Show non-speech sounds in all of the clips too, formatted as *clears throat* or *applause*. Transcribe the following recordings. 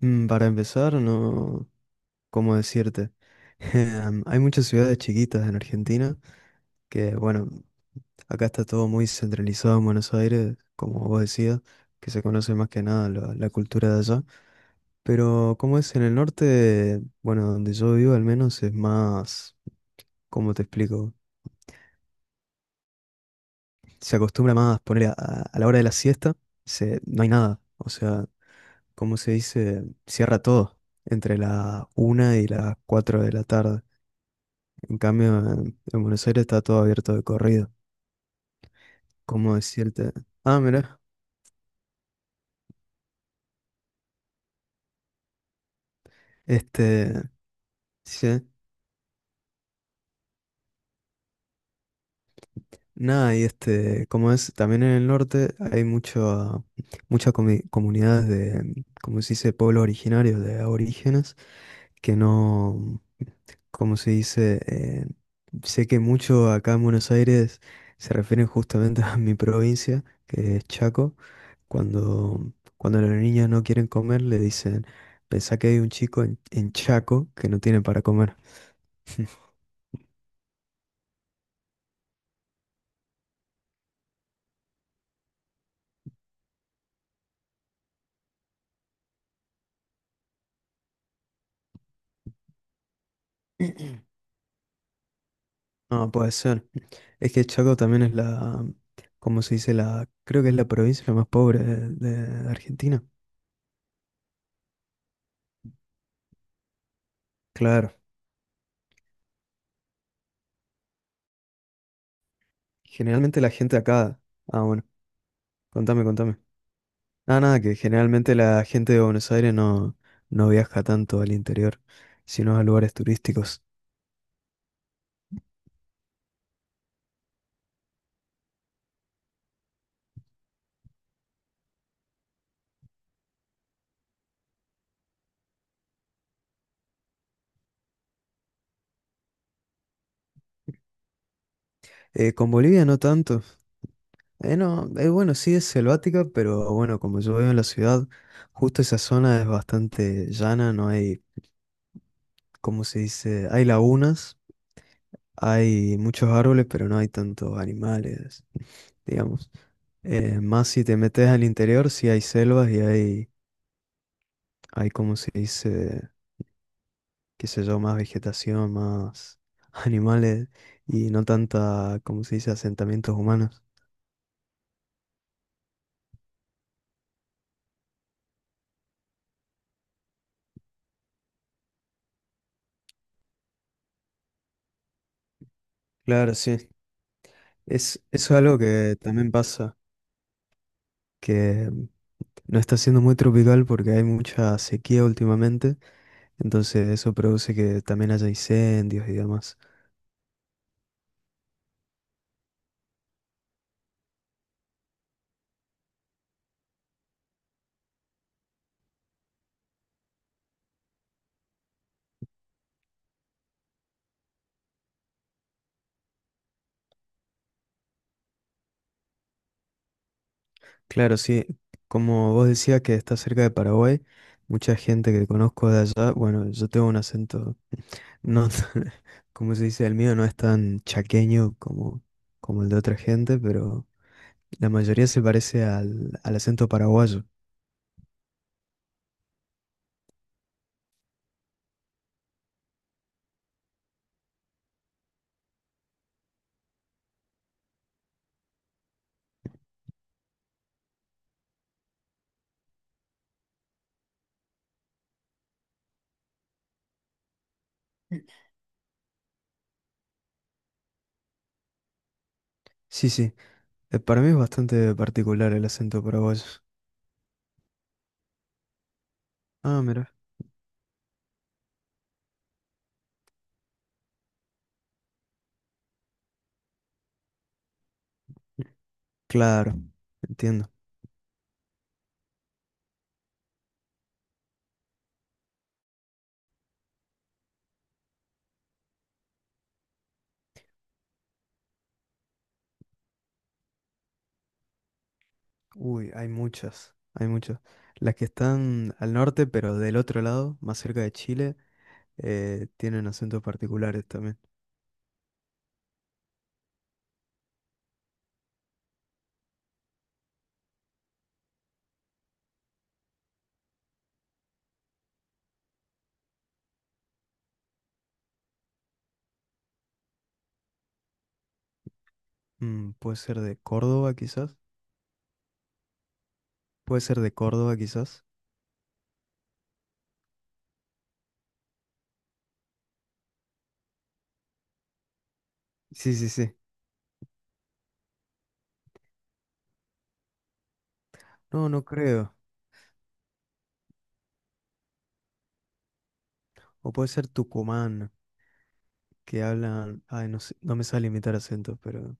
Para empezar, no, ¿cómo decirte? *laughs* Hay muchas ciudades chiquitas en Argentina que, bueno, acá está todo muy centralizado en Buenos Aires, como vos decías, que se conoce más que nada la cultura de allá. Pero como es en el norte, bueno, donde yo vivo al menos es más, ¿cómo te explico? Se acostumbra más poner a la hora de la siesta, no hay nada, o sea, ¿cómo se dice? Cierra todo entre las una y las 4 de la tarde. En cambio, en Buenos Aires está todo abierto de corrido. ¿Cómo decirte? Ah, mira, este, sí, nada, y este, como es, también en el norte hay muchas comunidades de, como se dice, pueblos originarios, de aborígenes, que no, como se dice, sé que mucho acá en Buenos Aires se refieren justamente *laughs* a mi provincia, que es Chaco. Cuando los niños no quieren comer, le dicen, pensá que hay un chico en, Chaco que no tiene para comer. *clears throat* No, puede ser. Es que Chaco también es la, ¿cómo se dice? La, creo que es la provincia más pobre de Argentina. Claro. Generalmente la gente acá. Ah, bueno, contame, contame. Ah, nada, que generalmente la gente de Buenos Aires no, no viaja tanto al interior, sino a lugares turísticos. Con Bolivia no tanto. No, bueno, sí es selvática, pero bueno, como yo veo en la ciudad, justo esa zona es bastante llana, no hay, ¿cómo se dice? Hay lagunas, hay muchos árboles, pero no hay tantos animales, digamos. Más si te metes al interior, sí hay selvas y hay, ¿cómo se dice? Qué sé yo, más vegetación, más *laughs* animales y no tanta, ¿cómo se dice? Asentamientos humanos. Claro, sí. Eso es algo que también pasa. Que No está siendo muy tropical porque hay mucha sequía últimamente, entonces eso produce que también haya incendios y demás. Claro, sí, como vos decías que está cerca de Paraguay, mucha gente que conozco de allá, bueno, yo tengo un acento, no, *laughs* como se dice, el mío no es tan chaqueño como, el de otra gente, pero la mayoría se parece al acento paraguayo. Sí, sí, para mí es bastante particular el acento paraguayo. Ah, mira, claro, entiendo. Uy, hay muchas, hay muchas. Las que están al norte, pero del otro lado, más cerca de Chile, tienen acentos particulares también. Puede ser de Córdoba, quizás. Puede ser de Córdoba, quizás. Sí, sí, sí. No, no creo. O puede ser Tucumán, que hablan. Ay, no sé, no me sale imitar acentos, pero,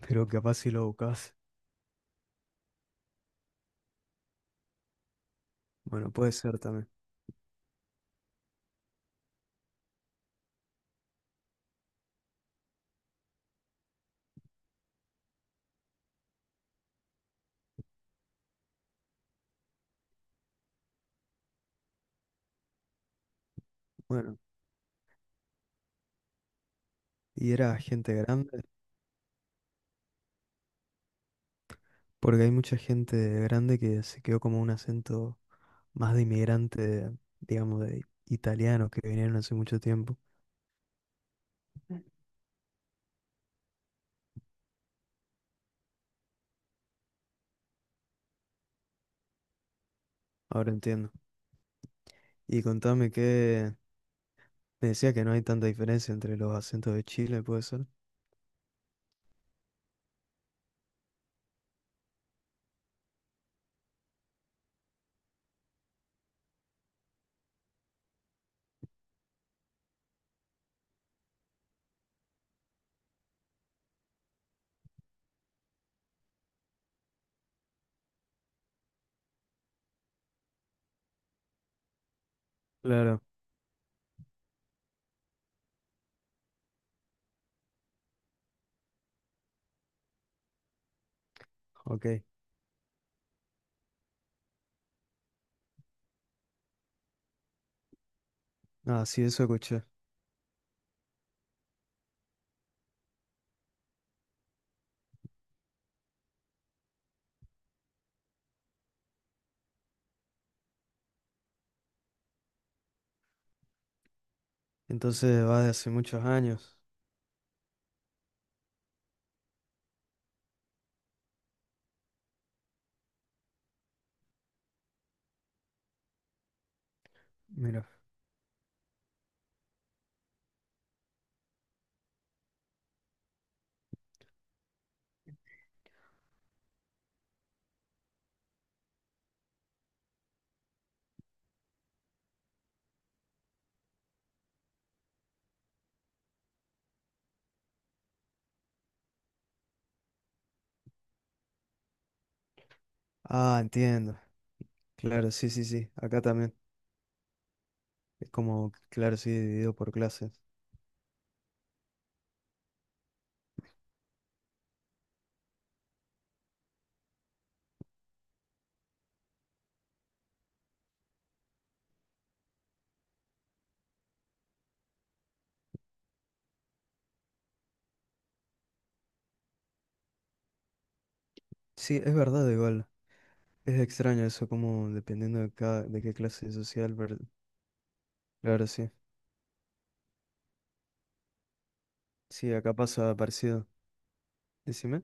pero capaz si lo buscas. Bueno, puede ser también. Bueno, y era gente grande, porque hay mucha gente grande que se quedó como un acento más de inmigrante, digamos, de italianos que vinieron hace mucho tiempo. Ahora entiendo. Y contame que me decía que no hay tanta diferencia entre los acentos de Chile, ¿puede ser? Claro, ok. Ah, sí, eso escuché. Entonces va de hace muchos años. Mira. Ah, entiendo. Claro, sí, sí, sí. Acá también. Es como, claro, sí, dividido por clases. Sí, es verdad, igual. Es extraño eso, como dependiendo de cada, de qué clase social. Claro, sí. Sí, acá pasa parecido. Decime.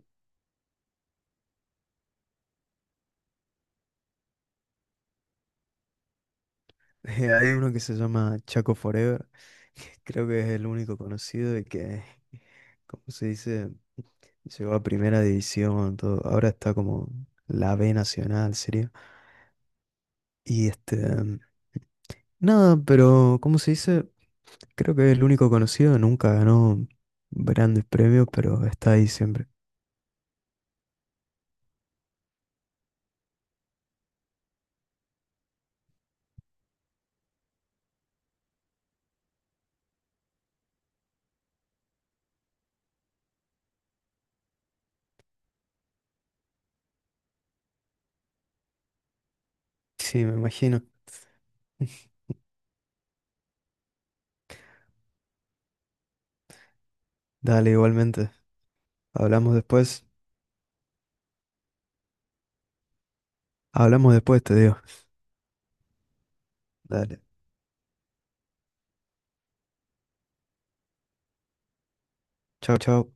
*laughs* Hay uno que se llama Chaco Forever, *laughs* que creo que es el único conocido y que, como se dice, llegó a primera división, todo. Ahora está como la B nacional, sería. Y este, nada, pero ¿cómo se dice? Creo que es el único conocido, nunca ganó grandes premios, pero está ahí siempre. Sí, me imagino. Dale, igualmente. Hablamos después. Hablamos después, te digo. Dale. Chao, chao.